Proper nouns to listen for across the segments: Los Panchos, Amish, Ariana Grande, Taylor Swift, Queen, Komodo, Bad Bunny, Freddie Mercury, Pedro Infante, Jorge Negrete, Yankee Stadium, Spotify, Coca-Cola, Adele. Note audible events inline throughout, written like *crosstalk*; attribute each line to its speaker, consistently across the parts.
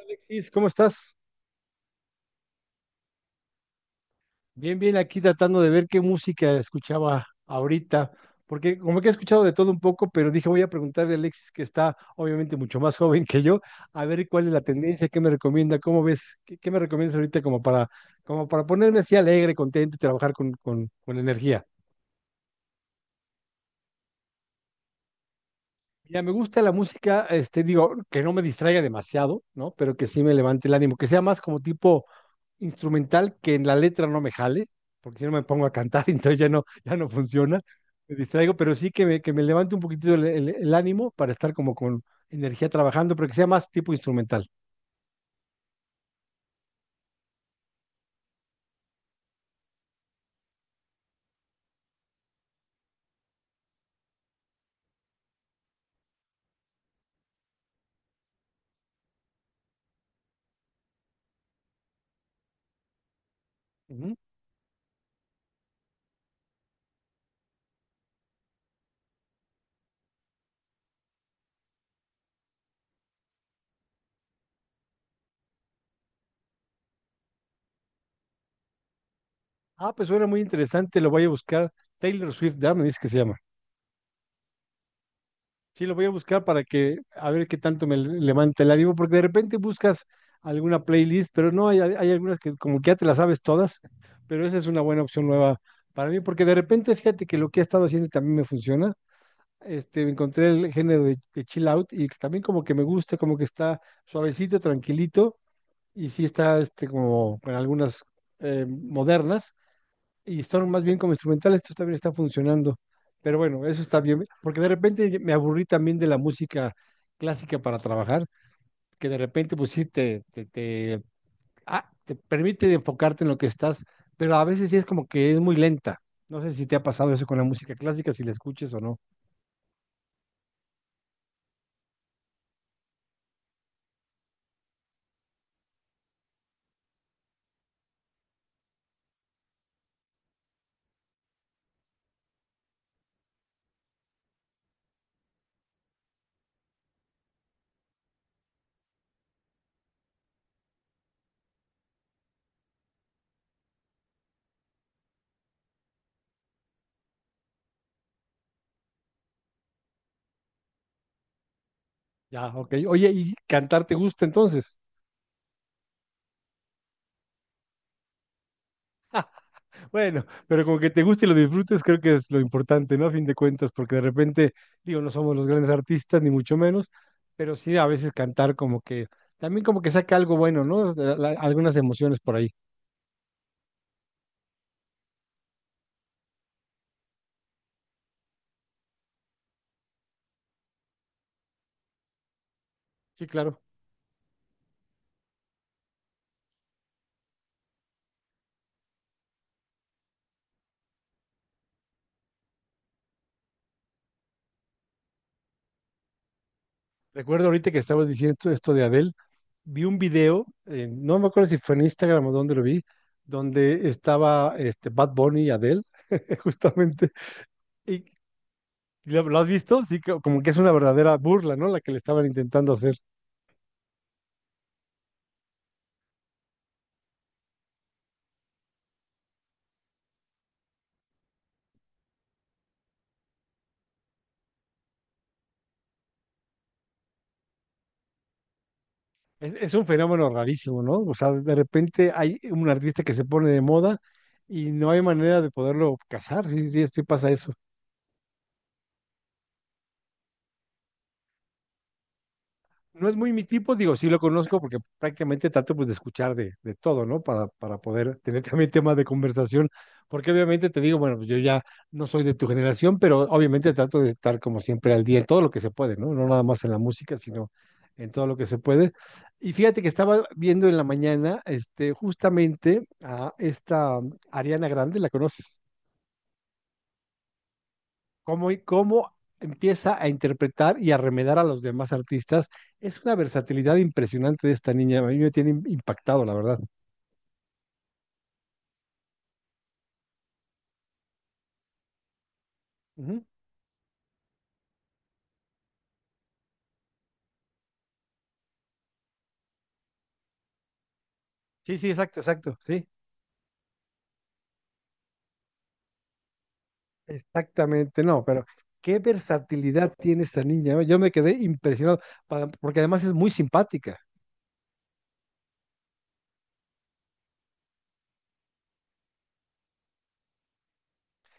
Speaker 1: Alexis, ¿cómo estás? Bien, bien, aquí tratando de ver qué música escuchaba ahorita, porque como que he escuchado de todo un poco, pero dije voy a preguntarle a Alexis, que está obviamente mucho más *laughs* joven que yo, a ver cuál es la tendencia, qué me recomienda, cómo ves, qué me recomiendas ahorita como para, como para ponerme así alegre, contento y trabajar con energía. Ya me gusta la música, este, digo, que no me distraiga demasiado, ¿no? Pero que sí me levante el ánimo, que sea más como tipo instrumental que en la letra no me jale, porque si no me pongo a cantar, *laughs* entonces ya no funciona, me distraigo, pero sí que me levante un poquitito el ánimo para estar como con energía trabajando, pero que sea más tipo instrumental. Ujú. Ah, pues suena muy interesante, lo voy a buscar. Taylor Swift, ya me dice que se llama. Sí, lo voy a buscar para que, a ver qué tanto me levanta el ánimo, porque de repente buscas alguna playlist, pero no, hay algunas que como que ya te las sabes todas, pero esa es una buena opción nueva para mí, porque de repente fíjate que lo que he estado haciendo también me funciona, este, me encontré el género de chill out y que también como que me gusta, como que está suavecito, tranquilito y sí está este, como con algunas modernas y están más bien como instrumentales, esto también está funcionando. Pero bueno, eso está bien, porque de repente me aburrí también de la música clásica para trabajar, que de repente pues sí te te permite enfocarte en lo que estás, pero a veces sí es como que es muy lenta. No sé si te ha pasado eso con la música clásica, si la escuches o no. Ya, ok. Oye, ¿y cantar te gusta entonces? Bueno, pero como que te guste y lo disfrutes, creo que es lo importante, ¿no? A fin de cuentas, porque de repente, digo, no somos los grandes artistas, ni mucho menos, pero sí a veces cantar como que, también como que saca algo bueno, ¿no? Algunas emociones por ahí. Sí, claro. Recuerdo ahorita que estabas diciendo esto de Adele, vi un video, no me acuerdo si fue en Instagram o dónde lo vi, donde estaba este, Bad Bunny y Adele, *laughs* justamente. Y ¿lo has visto? Sí, como que es una verdadera burla, ¿no? La que le estaban intentando hacer. Es un fenómeno rarísimo, ¿no? O sea, de repente hay un artista que se pone de moda y no hay manera de poderlo casar. Sí, sí, sí pasa eso. No es muy mi tipo, digo, sí lo conozco porque prácticamente trato pues de escuchar de todo, ¿no? Para poder tener también temas de conversación, porque obviamente te digo, bueno, pues yo ya no soy de tu generación, pero obviamente trato de estar como siempre al día en todo lo que se puede, ¿no? No nada más en la música, sino en todo lo que se puede. Y fíjate que estaba viendo en la mañana, este, justamente a esta Ariana Grande, ¿la conoces? Cómo, y cómo empieza a interpretar y a remedar a los demás artistas. Es una versatilidad impresionante de esta niña. A mí me tiene impactado, la verdad. Ujú. Sí, sí, exacto, exacto, sí. Exactamente, no, pero qué versatilidad tiene esta niña, ¿no? Yo me quedé impresionado, porque además es muy simpática.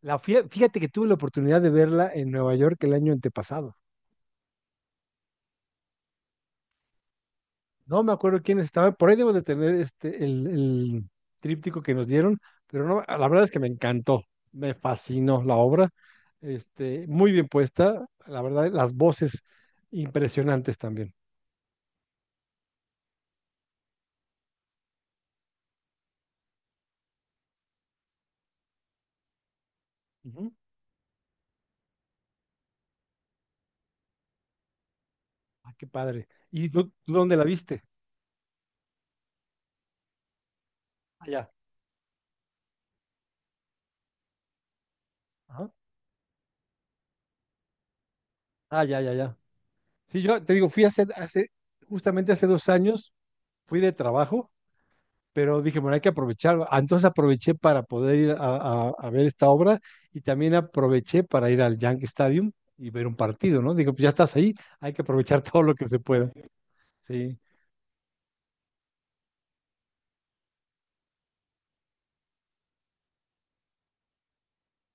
Speaker 1: La, fíjate que tuve la oportunidad de verla en Nueva York el año antepasado. No me acuerdo quiénes estaban. Por ahí debo de tener este, el tríptico que nos dieron, pero no, la verdad es que me encantó, me fascinó la obra. Este, muy bien puesta, la verdad, las voces impresionantes también. Ujú. Ah, qué padre. ¿Y tú dónde la viste? Allá. Ajá. Ah, ya, ya, ya. Sí, yo te digo, fui hace justamente hace 2 años, fui de trabajo pero dije, bueno, hay que aprovechar. Ah, entonces aproveché para poder ir a, a ver esta obra y también aproveché para ir al Yankee Stadium y ver un partido, ¿no? Digo, pues ya estás ahí, hay que aprovechar *laughs* todo lo que se pueda. Sí,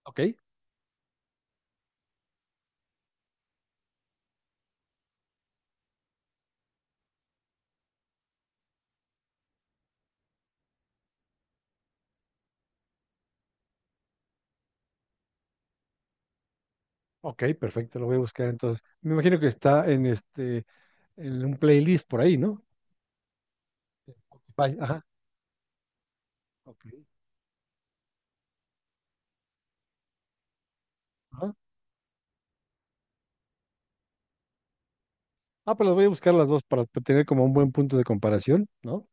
Speaker 1: ok, ok, perfecto, lo voy a buscar entonces. Me imagino que está en este, en un playlist por ahí, ¿no? Spotify, ajá, ok, ajá. Ah, pero las voy a buscar las dos para tener como un buen punto de comparación, ¿no?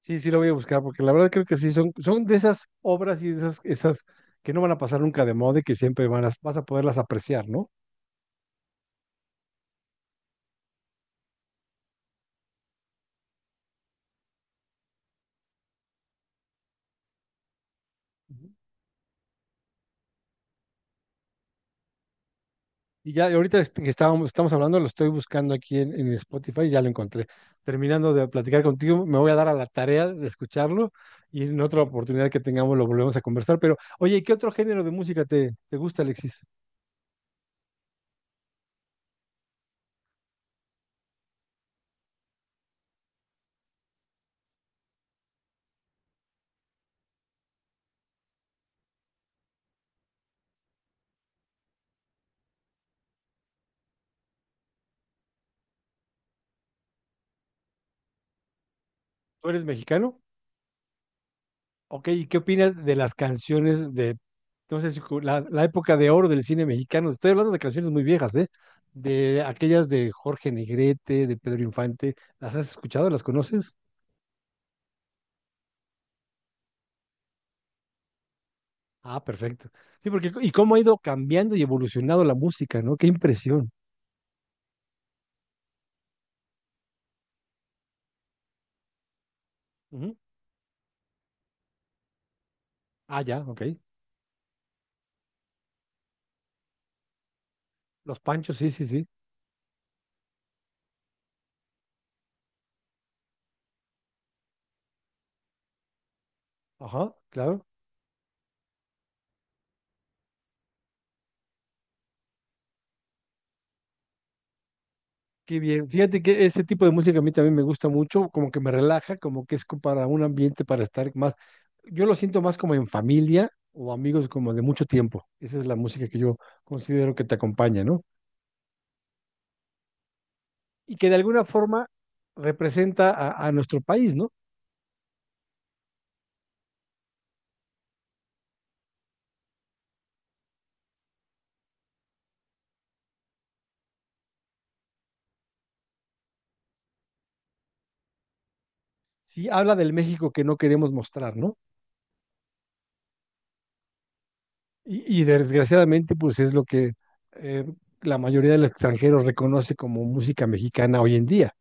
Speaker 1: Sí, sí lo voy a buscar, porque la verdad creo que sí, son de esas obras y de esas que no van a pasar nunca de moda y que siempre van a, vas a poderlas apreciar, ¿no? Ujú. Y ya y ahorita que estábamos, estamos hablando, lo estoy buscando aquí en Spotify y ya lo encontré. Terminando de platicar contigo, me voy a dar a la tarea de escucharlo y en otra oportunidad que tengamos lo volvemos a conversar. Pero, oye, ¿qué otro género de música te gusta, Alexis? ¿Tú eres mexicano? Ok, ¿y qué opinas de las canciones de, no sé si la, la época de oro del cine mexicano? Estoy hablando de canciones muy viejas, ¿eh? De aquellas de Jorge Negrete, de Pedro Infante. ¿Las has escuchado? ¿Las conoces? Ah, perfecto. Sí, porque, ¿y cómo ha ido cambiando y evolucionado la música, ¿no? Qué impresión. Ujú. Ah, ya, ok. Los Panchos, sí, sí, sí. Ajá, claro. Qué bien. Fíjate que ese tipo de música a mí también me gusta mucho, como que me relaja, como que es para un ambiente para estar más. Yo lo siento más como en familia o amigos como de mucho tiempo. Esa es la música que yo considero que te acompaña, ¿no? Y que de alguna forma representa a nuestro país, ¿no? Sí, habla del México que no queremos mostrar, ¿no? Y desgraciadamente, pues es lo que eh, la mayoría de los extranjeros reconoce como música mexicana hoy en día.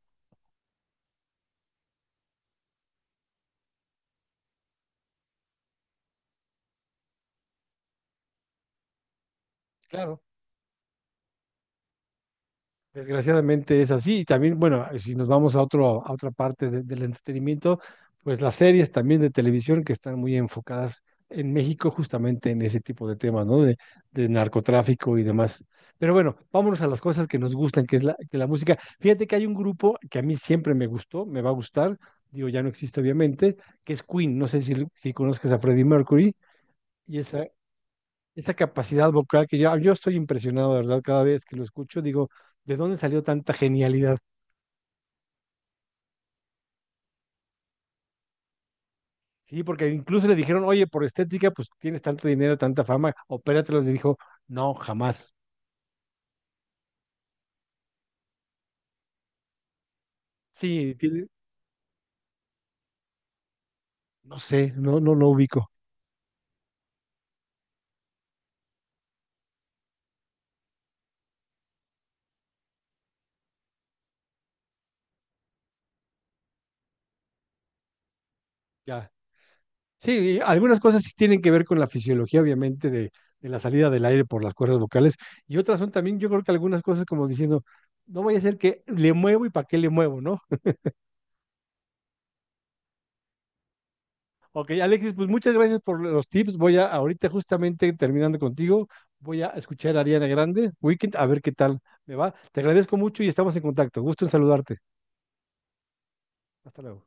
Speaker 1: Claro, desgraciadamente es así. Y también, bueno, si nos vamos a otro, a otra parte del entretenimiento, pues las series también de televisión que están muy enfocadas en México justamente en ese tipo de temas, ¿no? De narcotráfico y demás. Pero bueno, vámonos a las cosas que nos gustan, que es la, que la música. Fíjate que hay un grupo que a mí siempre me gustó, me va a gustar, digo, ya no existe obviamente, que es Queen. No sé si, si conozcas a Freddie Mercury. Y esa capacidad vocal que yo estoy impresionado, de verdad, cada vez que lo escucho, digo, ¿de dónde salió tanta genialidad? Sí, porque incluso le dijeron, oye, por estética, pues tienes tanto dinero, tanta fama, opératelos. Y dijo, no, jamás. Sí, tiene- no sé, no, no lo ubico. Ya. Sí, y algunas cosas sí tienen que ver con la fisiología, obviamente, de la salida del aire por las cuerdas vocales. Y otras son también, yo creo que algunas cosas como diciendo, no voy a hacer que le muevo y para qué le muevo, ¿no? Ok, Alexis, pues muchas gracias por los tips. Voy a, ahorita justamente terminando contigo, voy a escuchar a Ariana Grande, Weekend, a ver qué tal me va. Te agradezco mucho y estamos en contacto. Gusto en saludarte. Hasta luego.